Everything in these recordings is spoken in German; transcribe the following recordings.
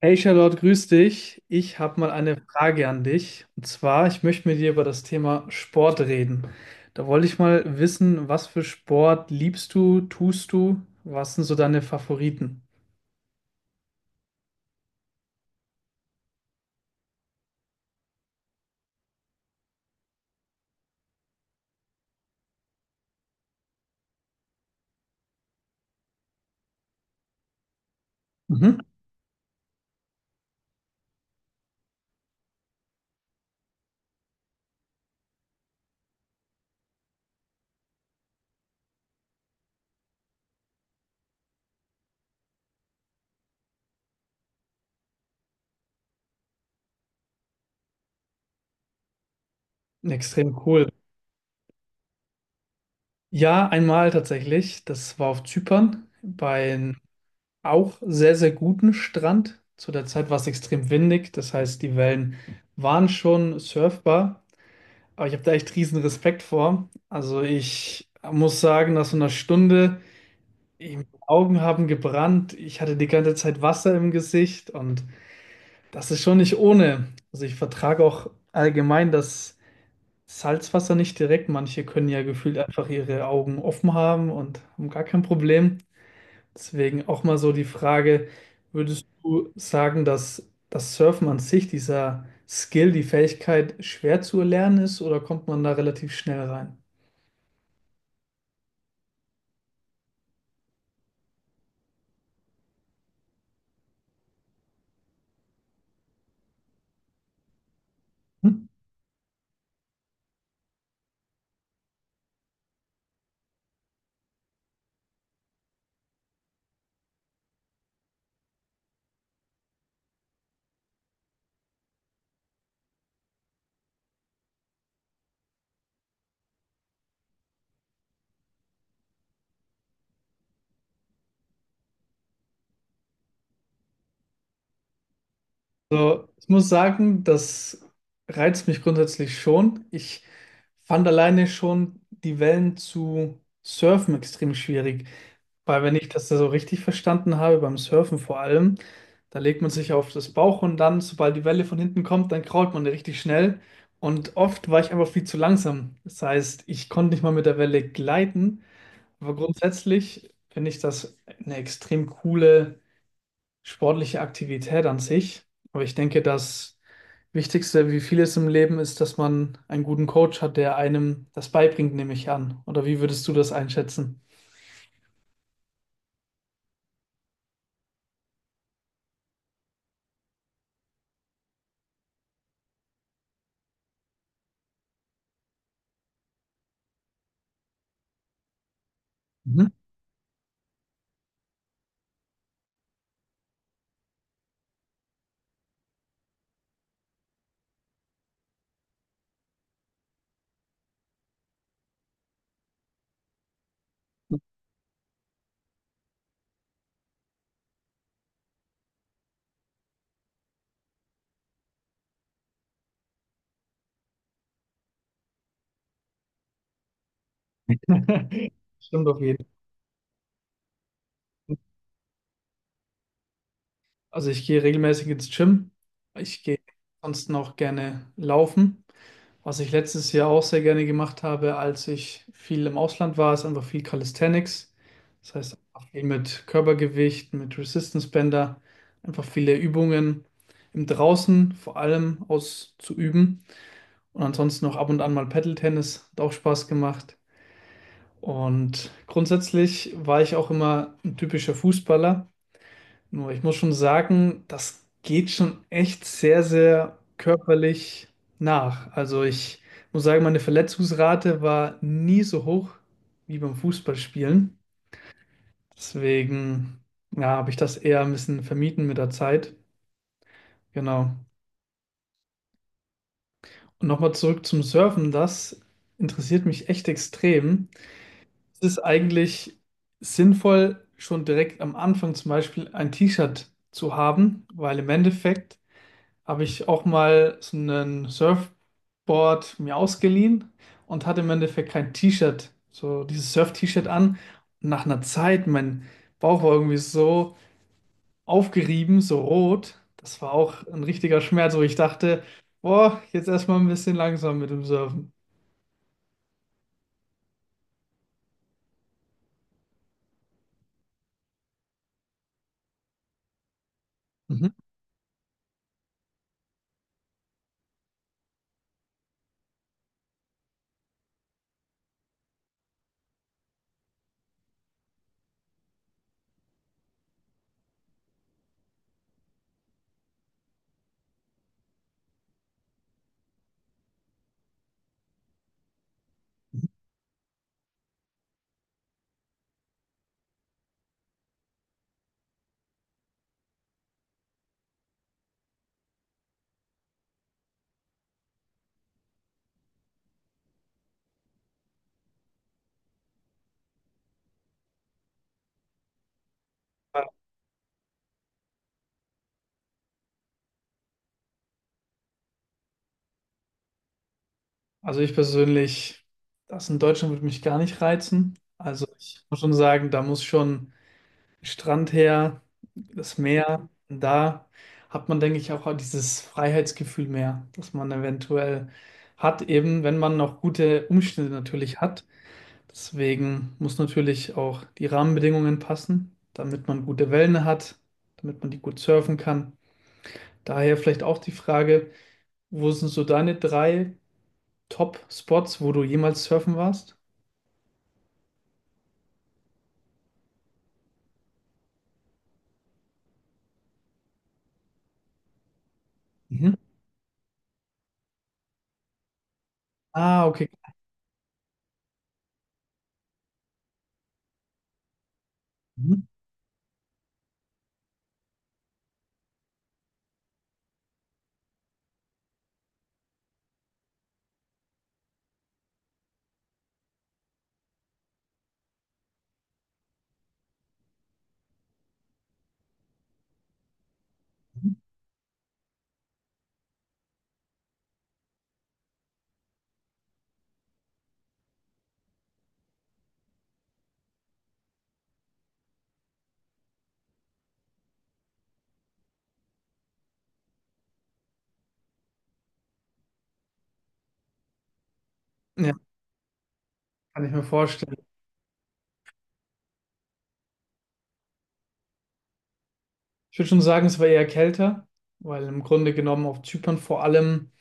Hey Charlotte, grüß dich. Ich habe mal eine Frage an dich. Und zwar, ich möchte mit dir über das Thema Sport reden. Da wollte ich mal wissen, was für Sport liebst du, tust du? Was sind so deine Favoriten? Mhm. Extrem cool. Ja, einmal tatsächlich. Das war auf Zypern bei einem auch sehr, sehr guten Strand. Zu der Zeit war es extrem windig. Das heißt, die Wellen waren schon surfbar. Aber ich habe da echt riesen Respekt vor. Also ich muss sagen, nach so einer Stunde, die Augen haben gebrannt, ich hatte die ganze Zeit Wasser im Gesicht und das ist schon nicht ohne. Also ich vertrage auch allgemein das Salzwasser nicht direkt. Manche können ja gefühlt einfach ihre Augen offen haben und haben gar kein Problem. Deswegen auch mal so die Frage, würdest du sagen, dass das Surfen an sich, dieser Skill, die Fähigkeit schwer zu erlernen ist oder kommt man da relativ schnell rein? Hm? So, ich muss sagen, das reizt mich grundsätzlich schon. Ich fand alleine schon die Wellen zu surfen extrem schwierig, weil wenn ich das da so richtig verstanden habe, beim Surfen vor allem, da legt man sich auf das Bauch und dann, sobald die Welle von hinten kommt, dann krault man richtig schnell. Und oft war ich einfach viel zu langsam. Das heißt, ich konnte nicht mal mit der Welle gleiten. Aber grundsätzlich finde ich das eine extrem coole sportliche Aktivität an sich. Aber ich denke, das Wichtigste, wie vieles im Leben, ist, dass man einen guten Coach hat, der einem das beibringt, nehme ich an. Oder wie würdest du das einschätzen? Mhm. Stimmt auf jeden Fall. Also ich gehe regelmäßig ins Gym. Ich gehe sonst noch gerne laufen. Was ich letztes Jahr auch sehr gerne gemacht habe, als ich viel im Ausland war, ist einfach viel Calisthenics. Das heißt, einfach viel mit Körpergewicht, mit Resistance Bänder, einfach viele Übungen im Draußen vor allem auszuüben. Und ansonsten noch ab und an mal Paddle-Tennis, hat auch Spaß gemacht. Und grundsätzlich war ich auch immer ein typischer Fußballer. Nur ich muss schon sagen, das geht schon echt sehr, sehr körperlich nach. Also ich muss sagen, meine Verletzungsrate war nie so hoch wie beim Fußballspielen. Deswegen, ja, habe ich das eher ein bisschen vermieden mit der Zeit. Genau. Und nochmal zurück zum Surfen, das interessiert mich echt extrem. Es ist eigentlich sinnvoll, schon direkt am Anfang zum Beispiel ein T-Shirt zu haben, weil im Endeffekt habe ich auch mal so ein Surfboard mir ausgeliehen und hatte im Endeffekt kein T-Shirt, so dieses Surf-T-Shirt an. Und nach einer Zeit, mein Bauch war irgendwie so aufgerieben, so rot. Das war auch ein richtiger Schmerz, wo ich dachte, boah, jetzt erstmal ein bisschen langsam mit dem Surfen. Mhm. Also ich persönlich, das in Deutschland würde mich gar nicht reizen. Also ich muss schon sagen, da muss schon Strand her, das Meer. Und da hat man, denke ich, auch dieses Freiheitsgefühl mehr, das man eventuell hat, eben wenn man noch gute Umstände natürlich hat. Deswegen muss natürlich auch die Rahmenbedingungen passen, damit man gute Wellen hat, damit man die gut surfen kann. Daher vielleicht auch die Frage, wo sind so deine drei Top-Spots, wo du jemals surfen warst? Mhm. Ah, okay. Mhm. Ja, kann ich mir vorstellen. Ich würde schon sagen, es war eher kälter, weil im Grunde genommen auf Zypern vor allem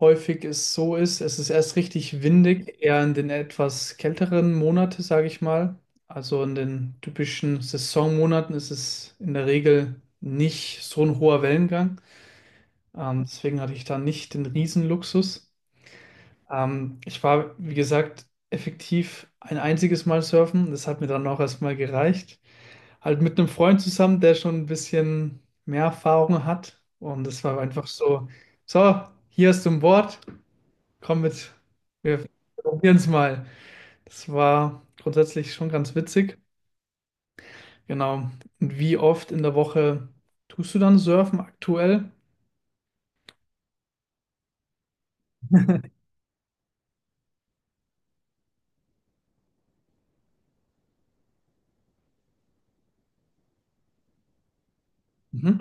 häufig es so ist, es ist erst richtig windig, eher in den etwas kälteren Monaten, sage ich mal. Also in den typischen Saisonmonaten ist es in der Regel nicht so ein hoher Wellengang. Deswegen hatte ich da nicht den Riesenluxus. Ich war, wie gesagt, effektiv ein einziges Mal surfen. Das hat mir dann auch erstmal gereicht halt mit einem Freund zusammen, der schon ein bisschen mehr Erfahrung hat. Und das war einfach so, so, hier ist ein Board, komm mit, wir probieren es mal. Das war grundsätzlich schon ganz witzig. Genau. Und wie oft in der Woche tust du dann surfen aktuell? Mhm.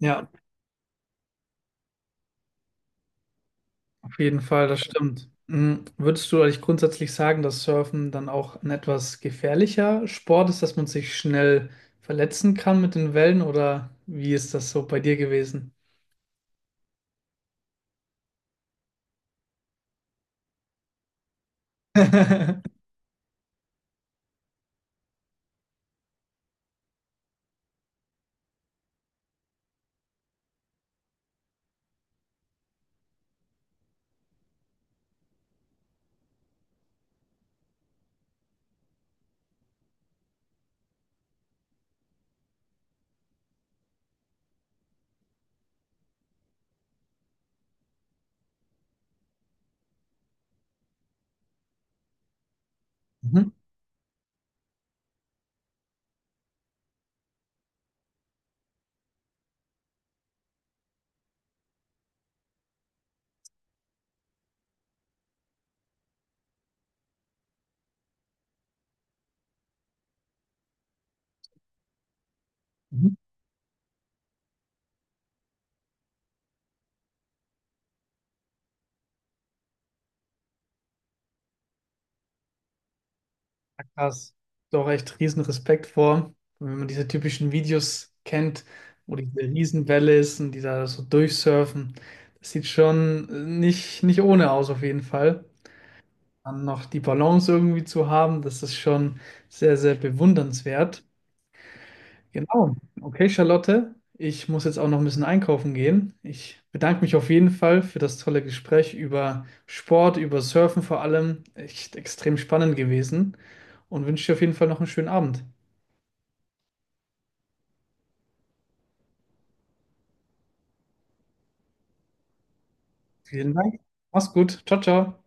Ja. Auf jeden Fall, das stimmt. Mm, würdest du eigentlich grundsätzlich sagen, dass Surfen dann auch ein etwas gefährlicher Sport ist, dass man sich schnell verletzen kann mit den Wellen oder wie ist das so bei dir gewesen? Mhm. Mhm. Ja, krass. Doch echt riesen Respekt vor, wenn man diese typischen Videos kennt, wo diese Riesenwelle ist und die da so durchsurfen. Das sieht schon nicht, nicht ohne aus, auf jeden Fall. Dann noch die Balance irgendwie zu haben, das ist schon sehr, sehr bewundernswert. Genau. Okay, Charlotte, ich muss jetzt auch noch ein bisschen einkaufen gehen. Ich bedanke mich auf jeden Fall für das tolle Gespräch über Sport, über Surfen vor allem. Echt extrem spannend gewesen und wünsche dir auf jeden Fall noch einen schönen Abend. Vielen Dank. Mach's gut. Ciao, ciao.